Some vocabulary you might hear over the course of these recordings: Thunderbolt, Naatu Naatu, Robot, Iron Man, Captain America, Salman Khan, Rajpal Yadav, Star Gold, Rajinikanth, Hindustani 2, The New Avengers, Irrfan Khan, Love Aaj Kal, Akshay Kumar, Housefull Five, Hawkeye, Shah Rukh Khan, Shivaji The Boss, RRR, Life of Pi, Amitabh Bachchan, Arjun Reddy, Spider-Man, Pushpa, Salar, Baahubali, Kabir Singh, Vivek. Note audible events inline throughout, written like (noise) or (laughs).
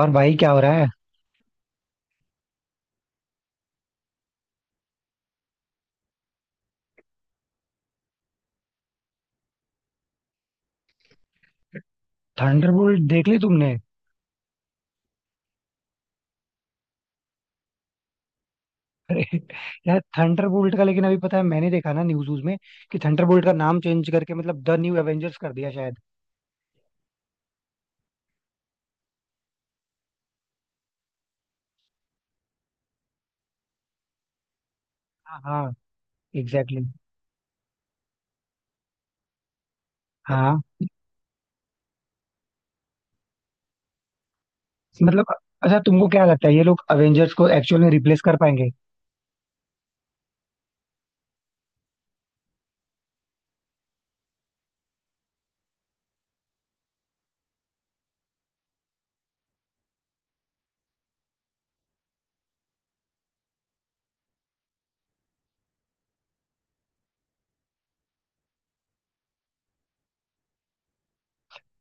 और भाई क्या हो रहा है? थंडरबोल्ट देख ली तुमने? अरे यार, थंडरबोल्ट का, लेकिन अभी पता है, मैंने देखा ना न्यूज व्यूज में कि थंडरबोल्ट का नाम चेंज करके मतलब द न्यू एवेंजर्स कर दिया शायद. हाँ, हाँ. एग्जैक्टली. हाँ. मतलब. अच्छा, तुमको क्या लगता है ये लोग अवेंजर्स को एक्चुअल में रिप्लेस कर पाएंगे?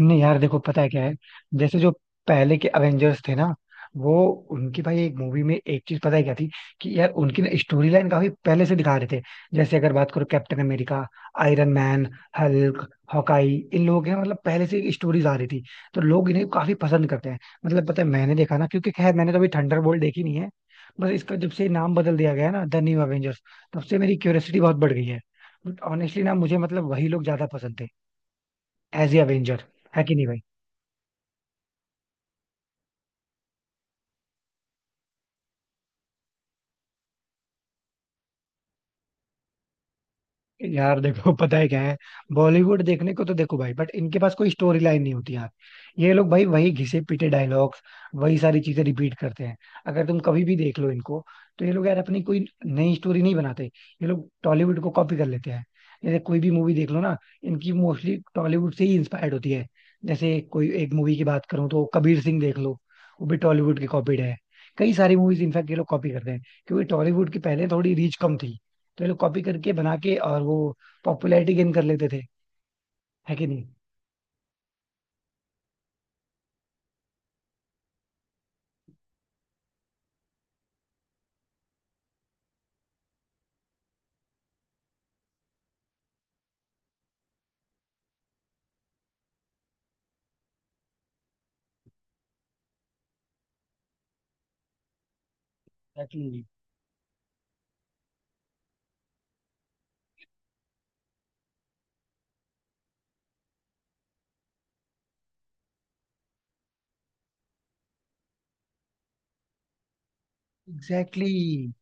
नहीं यार, देखो पता है क्या है. जैसे जो पहले के अवेंजर्स थे ना, वो, उनकी भाई एक मूवी में एक चीज पता है क्या थी, कि यार उनकी ना स्टोरी लाइन काफी पहले से दिखा रहे थे. जैसे अगर बात करो Captain America, Iron Man, Hulk, Hawkeye, इन लोगों के ना मतलब पहले से स्टोरीज आ रही थी. तो लोग इन्हें काफी पसंद करते हैं. मतलब पता है मैंने देखा ना, क्योंकि खैर मैंने तो अभी थंडरबोल्ट देखी नहीं है. बस इसका जब से नाम बदल दिया गया है ना द न्यू अवेंजर्स, तब से मेरी क्यूरियोसिटी बहुत बढ़ गई है. बट ऑनेस्टली ना मुझे मतलब वही लोग ज्यादा पसंद थे एज ए अवेंजर. है कि नहीं भाई? यार देखो पता है क्या है. बॉलीवुड देखने को तो देखो भाई, बट इनके पास कोई स्टोरी लाइन नहीं होती यार. ये लोग भाई वही घिसे पीटे डायलॉग्स, वही सारी चीजें रिपीट करते हैं. अगर तुम कभी भी देख लो इनको, तो ये लोग यार अपनी कोई नई स्टोरी नहीं बनाते. ये लोग टॉलीवुड को कॉपी कर लेते हैं. जैसे कोई भी मूवी देख लो ना, इनकी मोस्टली टॉलीवुड से ही इंस्पायर्ड होती है. जैसे कोई एक मूवी की बात करूँ तो कबीर सिंह देख लो, वो भी टॉलीवुड की कॉपीड है. कई सारी मूवीज इनफैक्ट ये लोग कॉपी करते हैं, क्योंकि टॉलीवुड की पहले थोड़ी रीच कम थी. तो ये लोग कॉपी करके बना के और वो पॉपुलैरिटी गेन कर लेते थे. है कि नहीं? Exactly. Exactly exactly.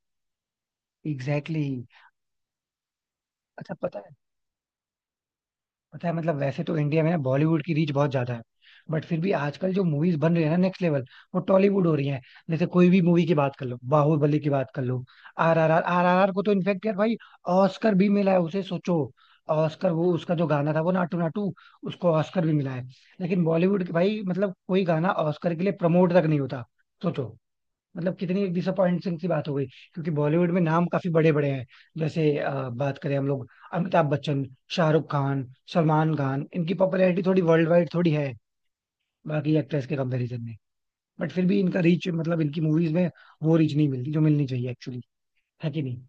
Exactly exactly. अच्छा, पता है. पता है मतलब, वैसे तो इंडिया में ना बॉलीवुड की रीच बहुत ज्यादा है. बट फिर भी आजकल जो मूवीज बन रही है ना नेक्स्ट लेवल, वो टॉलीवुड हो रही है. जैसे कोई भी मूवी की बात कर लो, बाहुबली की बात कर लो, RRR RRR को तो इनफेक्ट यार भाई, ऑस्कर भी मिला है उसे, सोचो. ऑस्कर, वो उसका जो गाना था वो नाटू नाटू, उसको ऑस्कर भी मिला है. लेकिन बॉलीवुड के भाई मतलब कोई गाना ऑस्कर के लिए प्रमोट तक नहीं होता. सोचो. मतलब कितनी डिसअपॉइंटिंग सी बात हो गई. क्योंकि बॉलीवुड में नाम काफी बड़े बड़े हैं. जैसे बात करें हम लोग, अमिताभ बच्चन, शाहरुख खान, सलमान खान, इनकी पॉपुलैरिटी थोड़ी वर्ल्ड वाइड थोड़ी है बाकी एक्ट्रेस के कंपैरिजन में. बट फिर भी इनका रीच मतलब इनकी मूवीज में वो रीच नहीं मिलती जो मिलनी चाहिए एक्चुअली. है कि नहीं?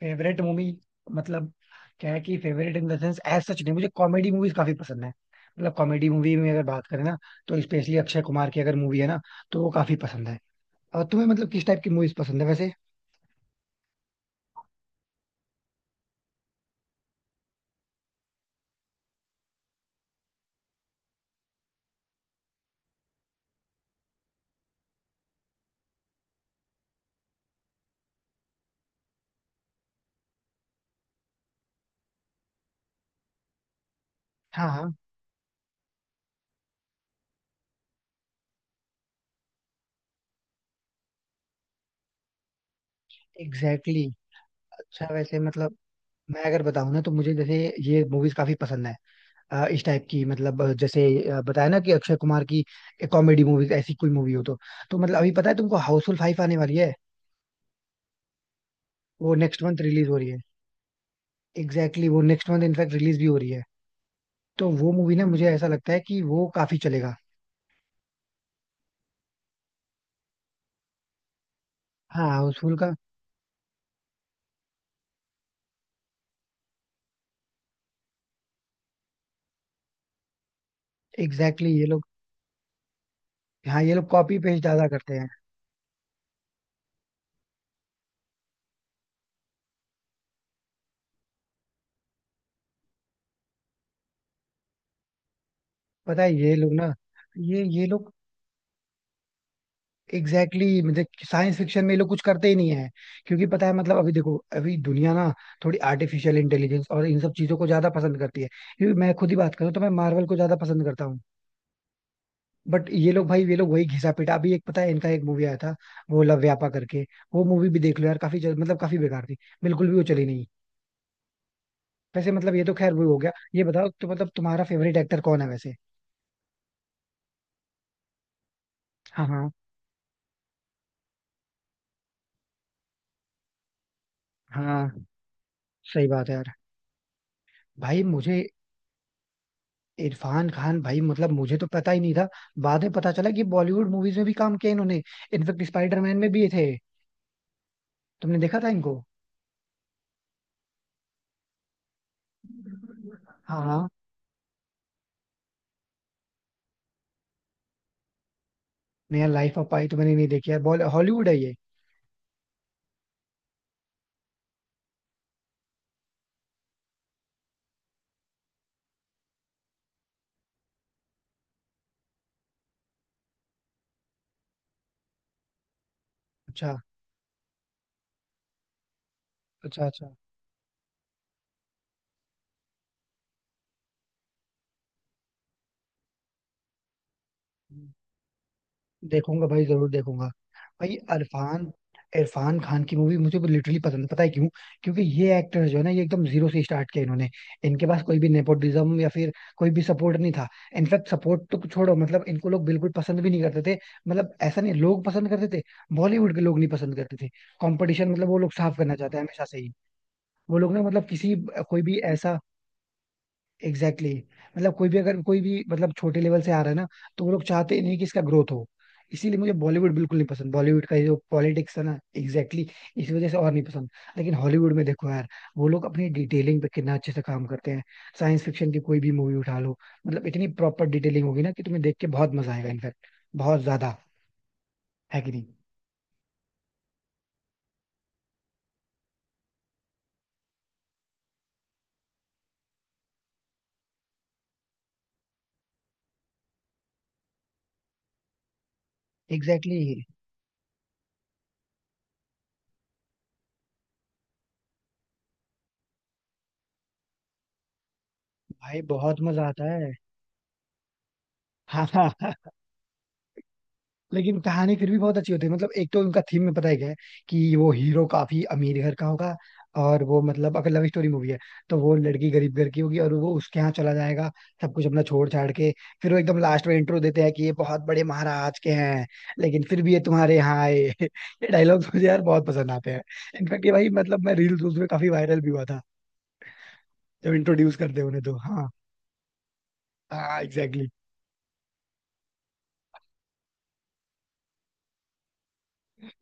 फेवरेट मूवी, मतलब, क्या है कि favourite in the sense as such नहीं, मुझे कॉमेडी मूवीज काफी पसंद है. मतलब कॉमेडी मूवी में अगर बात करें ना, तो स्पेशली अक्षय कुमार की अगर मूवी है ना, तो वो काफी पसंद है. और तुम्हें मतलब किस टाइप की मूवीज पसंद है वैसे? हाँ, हाँ. Exactly exactly. अच्छा वैसे मतलब, मैं अगर बताऊं ना, तो मुझे जैसे ये मूवीज काफी पसंद है. इस टाइप की, मतलब जैसे, बताया ना कि अक्षय कुमार की कॉमेडी मूवीज, ऐसी कोई मूवी हो तो. तो मतलब अभी पता है तुमको हाउसफुल 5 आने वाली है. वो नेक्स्ट मंथ रिलीज हो रही है. एग्जैक्टली exactly, वो नेक्स्ट मंथ इनफैक्ट रिलीज भी हो रही है. तो वो मूवी ना, मुझे ऐसा लगता है कि वो काफी चलेगा. हाँ, हाउसफुल का. एग्जैक्टली exactly, ये लोग. हाँ, ये लोग कॉपी पेस्ट ज्यादा करते हैं. पता है ये लोग ना, ये लोग. एग्जैक्टली exactly, मतलब साइंस फिक्शन में ये लोग कुछ करते ही नहीं है. क्योंकि पता है मतलब, अभी देखो, अभी दुनिया ना थोड़ी आर्टिफिशियल इंटेलिजेंस और इन सब चीजों को ज्यादा पसंद करती है. क्योंकि मैं खुद ही बात करूँ तो मैं मार्वल को ज्यादा पसंद करता हूँ. बट ये लोग भाई, ये लोग वही घिसा पिटा, अभी एक पता है इनका एक मूवी आया था, वो लव व्यापा करके. वो मूवी भी देख लो यार, काफी मतलब काफी बेकार थी. बिल्कुल भी वो चली नहीं. वैसे मतलब ये तो खैर वो हो गया, ये बताओ तो मतलब तुम्हारा फेवरेट एक्टर कौन है वैसे? हाँ, हाँ. हाँ. सही बात है यार. भाई मुझे इरफान खान, भाई मतलब मुझे तो पता ही नहीं था. बाद में पता चला कि बॉलीवुड मूवीज में भी काम किया इन्होंने. इनफेक्ट स्पाइडरमैन में भी ये थे. तुमने देखा था इनको? हाँ, हाँ. नया लाइफ ऑफ पाई तो मैंने नहीं देखी यार, बॉल हॉलीवुड है ये. अच्छा, अच्छा. अच्छा, देखूंगा भाई, जरूर देखूंगा. भाई इरफान इरफान खान की मूवी मुझे लिटरली पसंद. पता है क्यों? क्योंकि ये एक्टर जो है ना, ये एकदम जीरो से स्टार्ट किया इन्होंने. इनके पास कोई भी नेपोटिज्म या फिर कोई भी सपोर्ट नहीं था. इनफैक्ट सपोर्ट तो छोड़ो, मतलब इनको लोग बिल्कुल पसंद भी नहीं करते थे. मतलब ऐसा नहीं लोग पसंद करते थे, बॉलीवुड के लोग नहीं पसंद करते थे. कंपटीशन, मतलब वो लोग साफ करना चाहते हैं हमेशा से ही. वो लोग ना मतलब किसी, कोई भी ऐसा. Exactly exactly. मतलब कोई भी, अगर कोई भी मतलब छोटे लेवल से आ रहा है ना, तो वो लोग चाहते ही नहीं कि इसका ग्रोथ हो. इसीलिए मुझे बॉलीवुड बिल्कुल नहीं पसंद, बॉलीवुड का ये जो पॉलिटिक्स है ना, एग्जैक्टली exactly, इस वजह से और नहीं पसंद. लेकिन हॉलीवुड में देखो यार, वो लोग अपनी डिटेलिंग पे कितना अच्छे से काम करते हैं. साइंस फिक्शन की कोई भी मूवी उठा लो, मतलब इतनी प्रॉपर डिटेलिंग होगी ना कि तुम्हें देख के बहुत मजा आएगा इनफैक्ट, बहुत ज्यादा. है कि नहीं? Exactly exactly. भाई बहुत मजा आता है. (laughs) हाँ. लेकिन कहानी फिर भी बहुत अच्छी होती है, मतलब एक तो उनका थीम में पता है क्या है, कि वो हीरो काफी अमीर घर का होगा. और वो मतलब अगर लव स्टोरी मूवी है, तो वो लड़की गरीब घर की होगी और वो उसके यहाँ चला जाएगा सब कुछ अपना छोड़ छाड़ के. फिर वो एकदम लास्ट में इंट्रो देते हैं कि ये बहुत बड़े महाराज के हैं, लेकिन फिर भी ये तुम्हारे यहाँ आए. (laughs) ये डायलॉग्स मुझे यार बहुत पसंद आते हैं. इनफैक्ट ये भाई मतलब मैं रील्स में काफी वायरल भी हुआ था जब इंट्रोड्यूस करते उन्हें तो. हाँ. हाँ, एग्जैक्टली.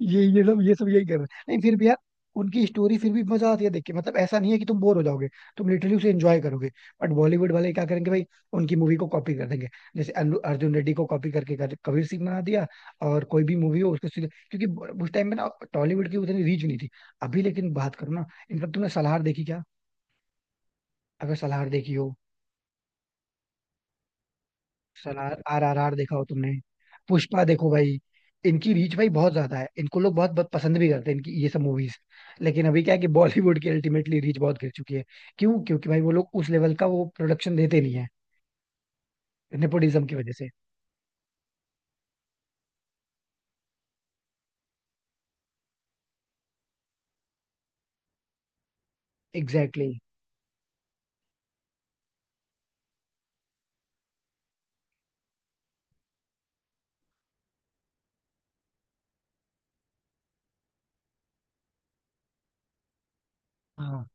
ये सब ये सब यही कर रहे हैं, नहीं फिर भी यार उनकी स्टोरी फिर भी मजा आती है देख के. मतलब ऐसा नहीं है कि तुम बोर हो जाओगे. तुम लिटरली उसे एंजॉय करोगे. बट बॉलीवुड वाले क्या करेंगे भाई, उनकी मूवी को कॉपी कर देंगे. जैसे अर्जुन रेड्डी को कॉपी करके कबीर सिंह बना दिया. और कोई भी मूवी हो उसको सीधे, क्योंकि उस टाइम में ना टॉलीवुड की उतनी रीच नहीं थी. अभी लेकिन बात करो ना, इनफैक्ट तुमने सलार देखी क्या? अगर सलार देखी हो, सलार RRR देखा हो तुमने? पुष्पा देखो भाई, इनकी रीच भाई बहुत ज्यादा है, इनको लोग बहुत बहुत पसंद भी करते हैं इनकी ये सब मूवीज. लेकिन अभी क्या है कि बॉलीवुड की अल्टीमेटली रीच बहुत गिर चुकी है. क्यों? क्योंकि भाई वो लोग उस लेवल का वो प्रोडक्शन देते नहीं है नेपोटिज्म की वजह से. एग्जैक्टली exactly, हाँ.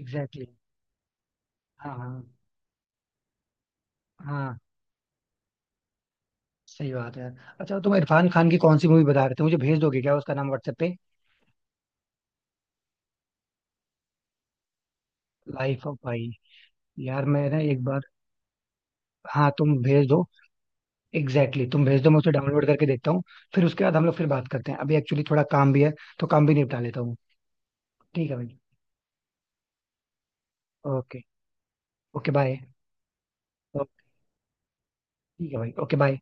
एग्जैक्टली exactly, हाँ, हाँ. हाँ, सही बात है. अच्छा, तो तुम इरफान खान की कौन सी मूवी बता रहे थे, मुझे भेज दोगे क्या उसका नाम व्हाट्सएप पे? लाइफ ऑफ, भाई, यार मैं ना एक बार, हाँ तुम भेज दो. Exactly exactly. तुम भेज दो, मैं उसे डाउनलोड करके देखता हूँ. फिर उसके बाद हम लोग फिर बात करते हैं, अभी एक्चुअली थोड़ा काम भी है, तो काम भी निपटा लेता हूँ. ठीक है भाई. ओके. Okay, bye. ठीक है भाई, ओके, बाय.